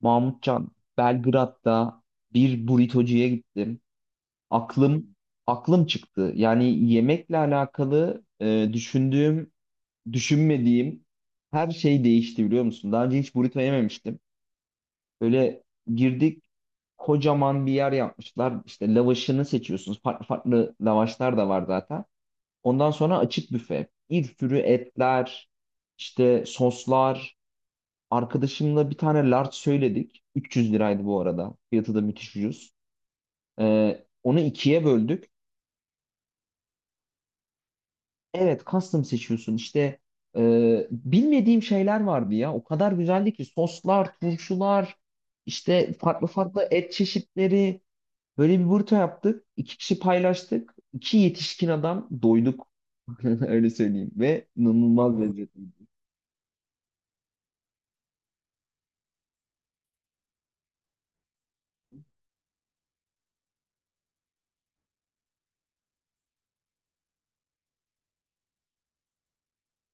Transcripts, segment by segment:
Mahmutcan, Belgrad'da bir burritocuya gittim. Aklım aklım çıktı. Yani yemekle alakalı düşündüğüm, düşünmediğim her şey değişti biliyor musun? Daha önce hiç burrito yememiştim. Böyle girdik, kocaman bir yer yapmışlar. İşte lavaşını seçiyorsunuz. Farklı farklı lavaşlar da var zaten. Ondan sonra açık büfe. Bir sürü etler, işte soslar. Arkadaşımla bir tane large söyledik. 300 liraydı bu arada. Fiyatı da müthiş ucuz. Onu ikiye böldük. Evet custom seçiyorsun. İşte bilmediğim şeyler vardı ya. O kadar güzeldi ki soslar, turşular, işte farklı farklı et çeşitleri. Böyle bir burta yaptık. İki kişi paylaştık. İki yetişkin adam doyduk. Öyle söyleyeyim. Ve inanılmaz lezzetli.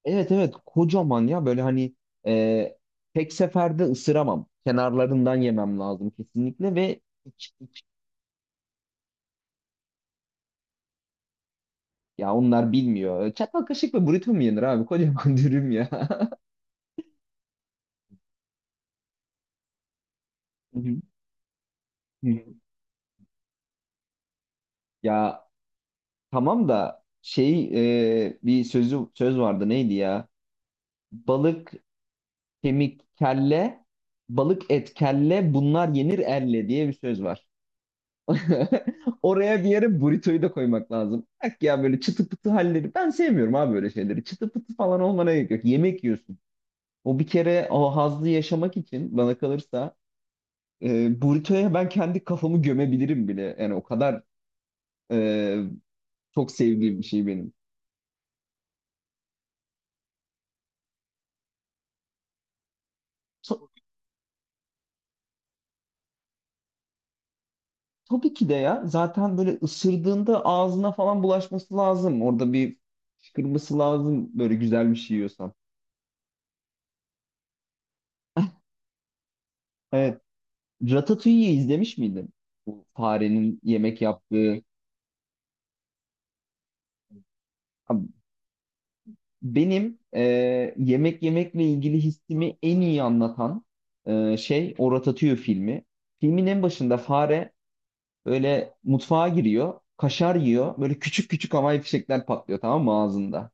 Evet evet, kocaman ya böyle hani e, tek seferde ısıramam. Kenarlarından yemem lazım kesinlikle ve iç, iç. Ya onlar bilmiyor. Çatal kaşık ve burrito mu yenir abi? Kocaman dürüm ya. Hı hı, hı hı. Ya tamam da şey, bir söz vardı, neydi ya? Balık kemik kelle, balık et kelle, bunlar yenir elle diye bir söz var. Oraya bir yere burrito'yu da koymak lazım. Bak ya böyle çıtı pıtı halleri. Ben sevmiyorum abi böyle şeyleri. Çıtı pıtı falan olmana gerek yok. Yemek yiyorsun. O bir kere, o hazzı yaşamak için bana kalırsa burrito'ya ben kendi kafamı gömebilirim bile. Yani o kadar e, çok sevdiğim bir şey benim. To- tabii ki de ya, zaten böyle ısırdığında ağzına falan bulaşması lazım. Orada bir fışkırması lazım böyle güzel bir şey yiyorsan. Evet. Ratatouille'yi izlemiş miydin? Bu farenin yemek yaptığı. Abi, benim yemek yemekle ilgili hissimi en iyi anlatan şey o Ratatouille filmi. Filmin en başında fare böyle mutfağa giriyor, kaşar yiyor. Böyle küçük küçük havai fişekler patlıyor, tamam mı, ağzında.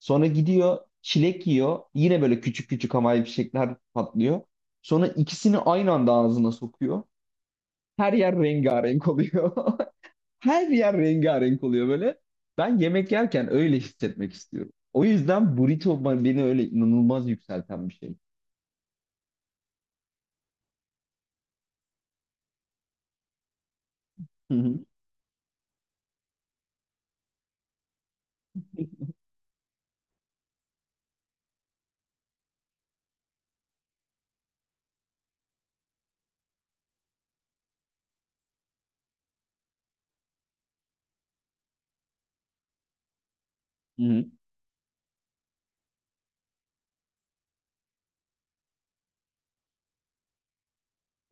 Sonra gidiyor çilek yiyor. Yine böyle küçük küçük havai fişekler patlıyor. Sonra ikisini aynı anda ağzına sokuyor. Her yer rengarenk oluyor. Her yer rengarenk oluyor böyle. Ben yemek yerken öyle hissetmek istiyorum. O yüzden burrito beni öyle inanılmaz yükselten bir şey. Hı hı. Hı hı.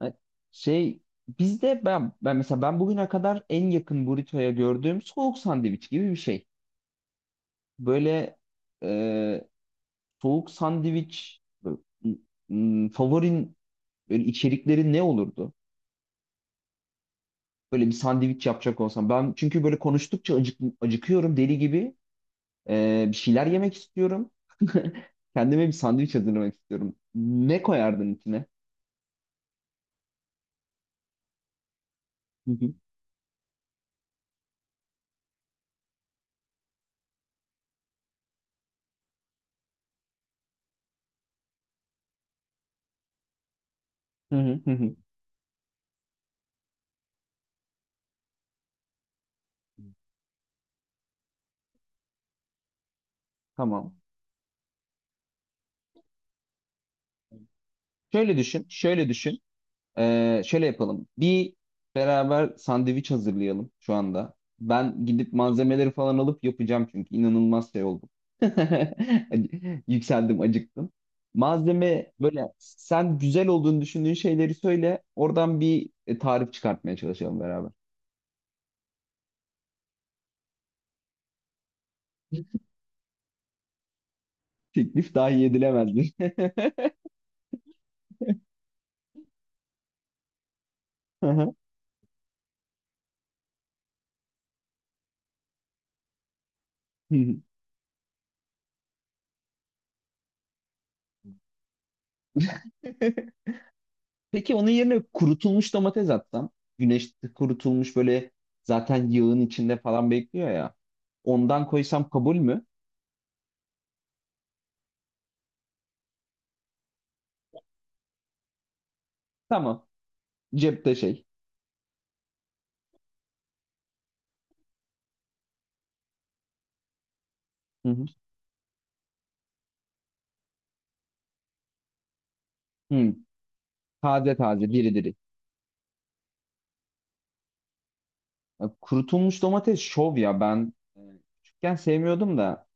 E, Şey bizde ben ben mesela ben bugüne kadar en yakın burrito'ya gördüğüm soğuk sandviç gibi bir şey. Böyle e, soğuk sandviç böyle, m- favorin böyle, içerikleri ne olurdu? Böyle bir sandviç yapacak olsam ben, çünkü böyle konuştukça acıkıyorum deli gibi. Bir şeyler yemek istiyorum. Kendime bir sandviç hazırlamak istiyorum. Ne koyardın içine? Hı hı. Hı hı, hı hı. Tamam. Şöyle düşün, şöyle düşün. Şöyle yapalım. Beraber sandviç hazırlayalım şu anda. Ben gidip malzemeleri falan alıp yapacağım, çünkü inanılmaz şey oldum. Yükseldim, acıktım. Malzeme böyle, sen güzel olduğunu düşündüğün şeyleri söyle. Oradan bir tarif çıkartmaya çalışalım beraber. Teklif dahi edilemezdi. Hı hı. Peki onun yerine kurutulmuş domates atsam, güneşte kurutulmuş böyle, zaten yağın içinde falan bekliyor ya, ondan koysam kabul mü? Tamam. Cepte şey. Hı hı. Hı. Taze taze, diri diri. Ya kurutulmuş domates şov ya, ben küçükken sevmiyordum da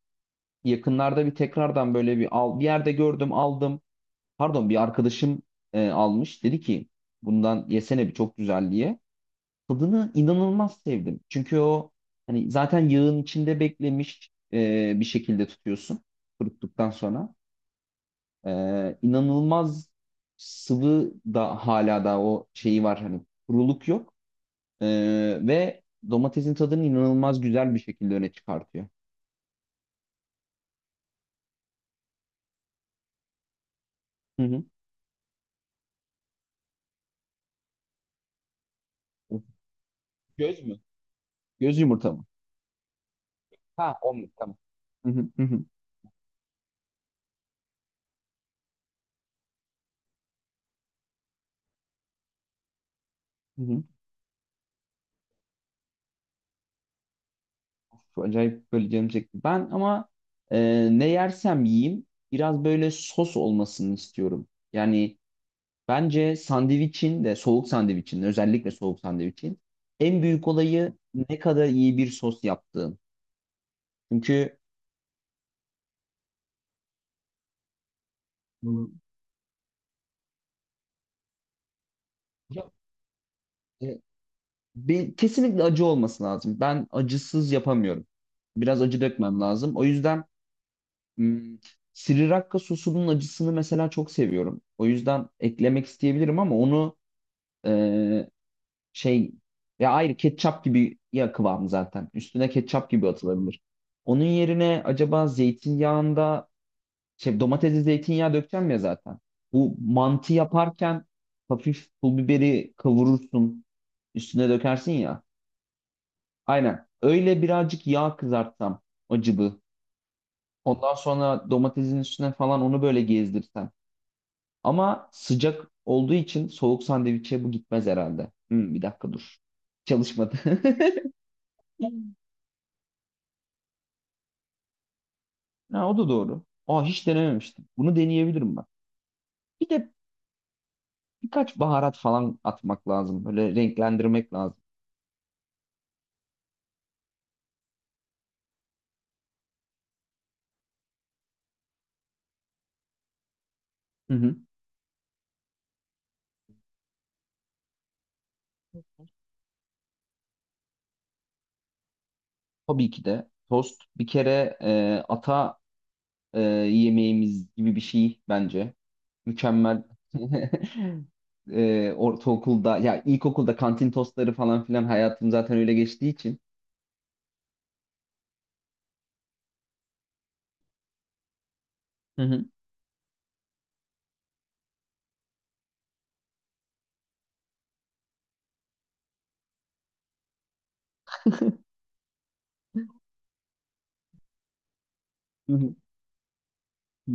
yakınlarda bir tekrardan böyle bir yerde gördüm, aldım. Pardon, bir arkadaşım almış, dedi ki bundan yesene bir, çok güzel diye. Tadını inanılmaz sevdim. Çünkü o, hani zaten yağın içinde beklemiş, bir şekilde tutuyorsun kuruttuktan sonra. E, inanılmaz sıvı da hala da o şeyi var, hani kuruluk yok. E, ve domatesin tadını inanılmaz güzel bir şekilde öne çıkartıyor. Hı hı. Göz mü? Göz yumurta mı? Ha, omlet, tamam. Hı hı, hı hı, hı hı. Çok acayip böyle canım çekti. Ben ama ne yersem yiyeyim biraz böyle sos olmasını istiyorum. Yani bence sandviçin de, soğuk sandviçin, özellikle soğuk sandviçin en büyük olayı ne kadar iyi bir sos yaptığın. Çünkü. Hı. Ya, e, kesinlikle acı olması lazım. Ben acısız yapamıyorum. Biraz acı dökmem lazım. O yüzden hmm, Sriracha sosunun acısını mesela çok seviyorum. O yüzden eklemek isteyebilirim, ama onu e, şey, ya ayrı ketçap gibi ya kıvamı zaten. Üstüne ketçap gibi atılabilir. Onun yerine acaba zeytinyağında şey, domatesli zeytinyağı dökeceğim ya zaten. Bu, mantı yaparken hafif pul biberi kavurursun, üstüne dökersin ya. Aynen. Öyle birazcık yağ kızartsam, acıbı. Ondan sonra domatesin üstüne falan onu böyle gezdirsem. Ama sıcak olduğu için soğuk sandviçe bu gitmez herhalde. Bir dakika dur. Çalışmadı. Ha, o da doğru. Aa, hiç denememiştim. Bunu deneyebilirim ben. Bir de birkaç baharat falan atmak lazım. Böyle renklendirmek lazım. Hı hı. Tabii ki de tost bir kere ata yemeğimiz gibi bir şey bence. Mükemmel. Ortaokulda ya ilkokulda kantin tostları falan filan, hayatım zaten öyle geçtiği için. Hı hı. Hı hı.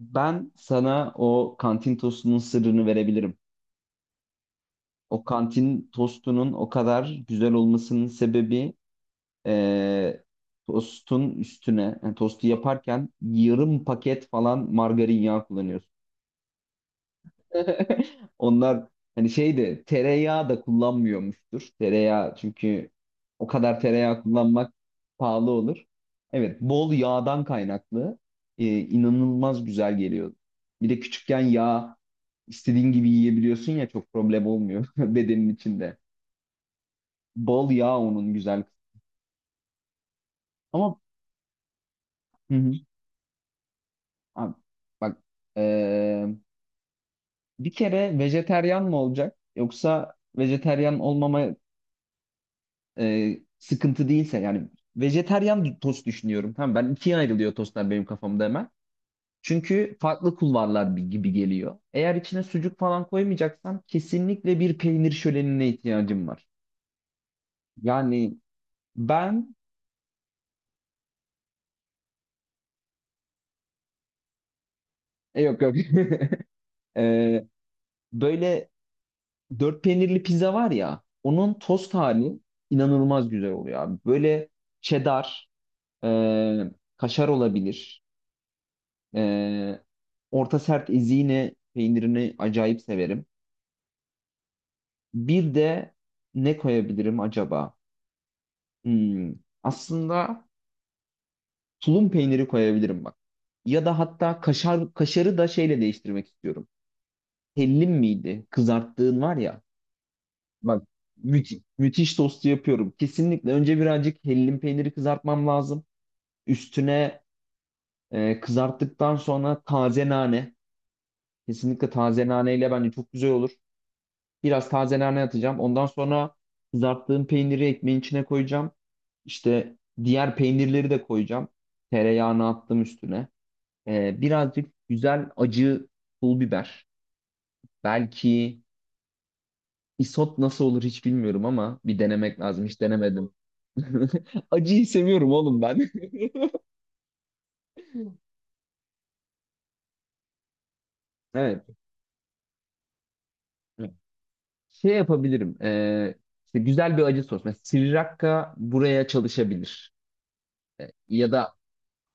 Ben sana o kantin tostunun sırrını verebilirim. O kantin tostunun o kadar güzel olmasının sebebi, e, tostun üstüne, yani tostu yaparken yarım paket falan margarin yağı kullanıyorsun. Onlar hani şey de, tereyağı da kullanmıyormuştur. Tereyağı, çünkü o kadar tereyağı kullanmak pahalı olur. Evet, bol yağdan kaynaklı inanılmaz güzel geliyor. Bir de küçükken yağ istediğin gibi yiyebiliyorsun ya, çok problem olmuyor bedenin içinde. Bol yağ, onun güzel kısmı. Ama hı hı. Abi, bak, eee, bir kere vejeteryan mı olacak yoksa vejeteryan olmama sıkıntı değilse, yani vejeteryan tost düşünüyorum. Tamam, ben, ikiye ayrılıyor tostlar benim kafamda hemen. Çünkü farklı kulvarlar gibi geliyor. Eğer içine sucuk falan koymayacaksan, kesinlikle bir peynir şölenine ihtiyacım var. Yani ben, yok yok. Eee, böyle dört peynirli pizza var ya, onun tost hali inanılmaz güzel oluyor abi. Böyle cheddar, e, kaşar olabilir. E, orta sert ezine peynirini acayip severim. Bir de ne koyabilirim acaba? Hmm, aslında tulum peyniri koyabilirim bak. Ya da hatta kaşarı da şeyle değiştirmek istiyorum. Hellim miydi? Kızarttığın var ya. Bak, müthiş tostu yapıyorum. Kesinlikle önce birazcık hellim peyniri kızartmam lazım. Üstüne, kızarttıktan sonra taze nane. Kesinlikle taze naneyle bence çok güzel olur. Biraz taze nane atacağım. Ondan sonra kızarttığım peyniri ekmeğin içine koyacağım. İşte diğer peynirleri de koyacağım. Tereyağını attım üstüne. Birazcık güzel acı pul biber. Belki isot nasıl olur hiç bilmiyorum, ama bir denemek lazım. Hiç denemedim. Acıyı seviyorum oğlum ben. Evet. Şey yapabilirim. İşte güzel bir acı sos. Mesela Sriracha buraya çalışabilir. Ya da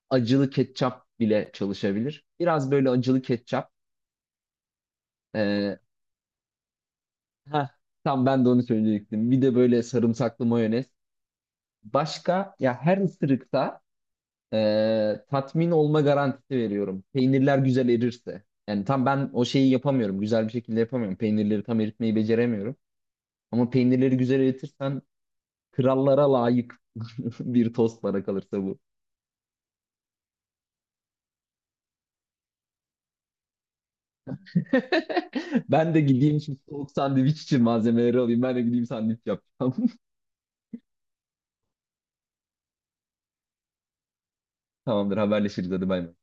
acılı ketçap bile çalışabilir. Biraz böyle acılı ketçap. Ee, heh, tam ben de onu söyleyecektim. Bir de böyle sarımsaklı mayonez. Başka, ya her ısırıkta tatmin olma garantisi veriyorum. Peynirler güzel erirse. Yani tam ben o şeyi yapamıyorum. Güzel bir şekilde yapamıyorum. Peynirleri tam eritmeyi beceremiyorum. Ama peynirleri güzel eritirsen krallara layık bir tost bana kalırsa bu. Ben de gideyim şimdi soğuk sandviç için malzemeleri alayım. Ben de gideyim sandviç yapacağım. Tamamdır, haberleşiriz, hadi bay bay.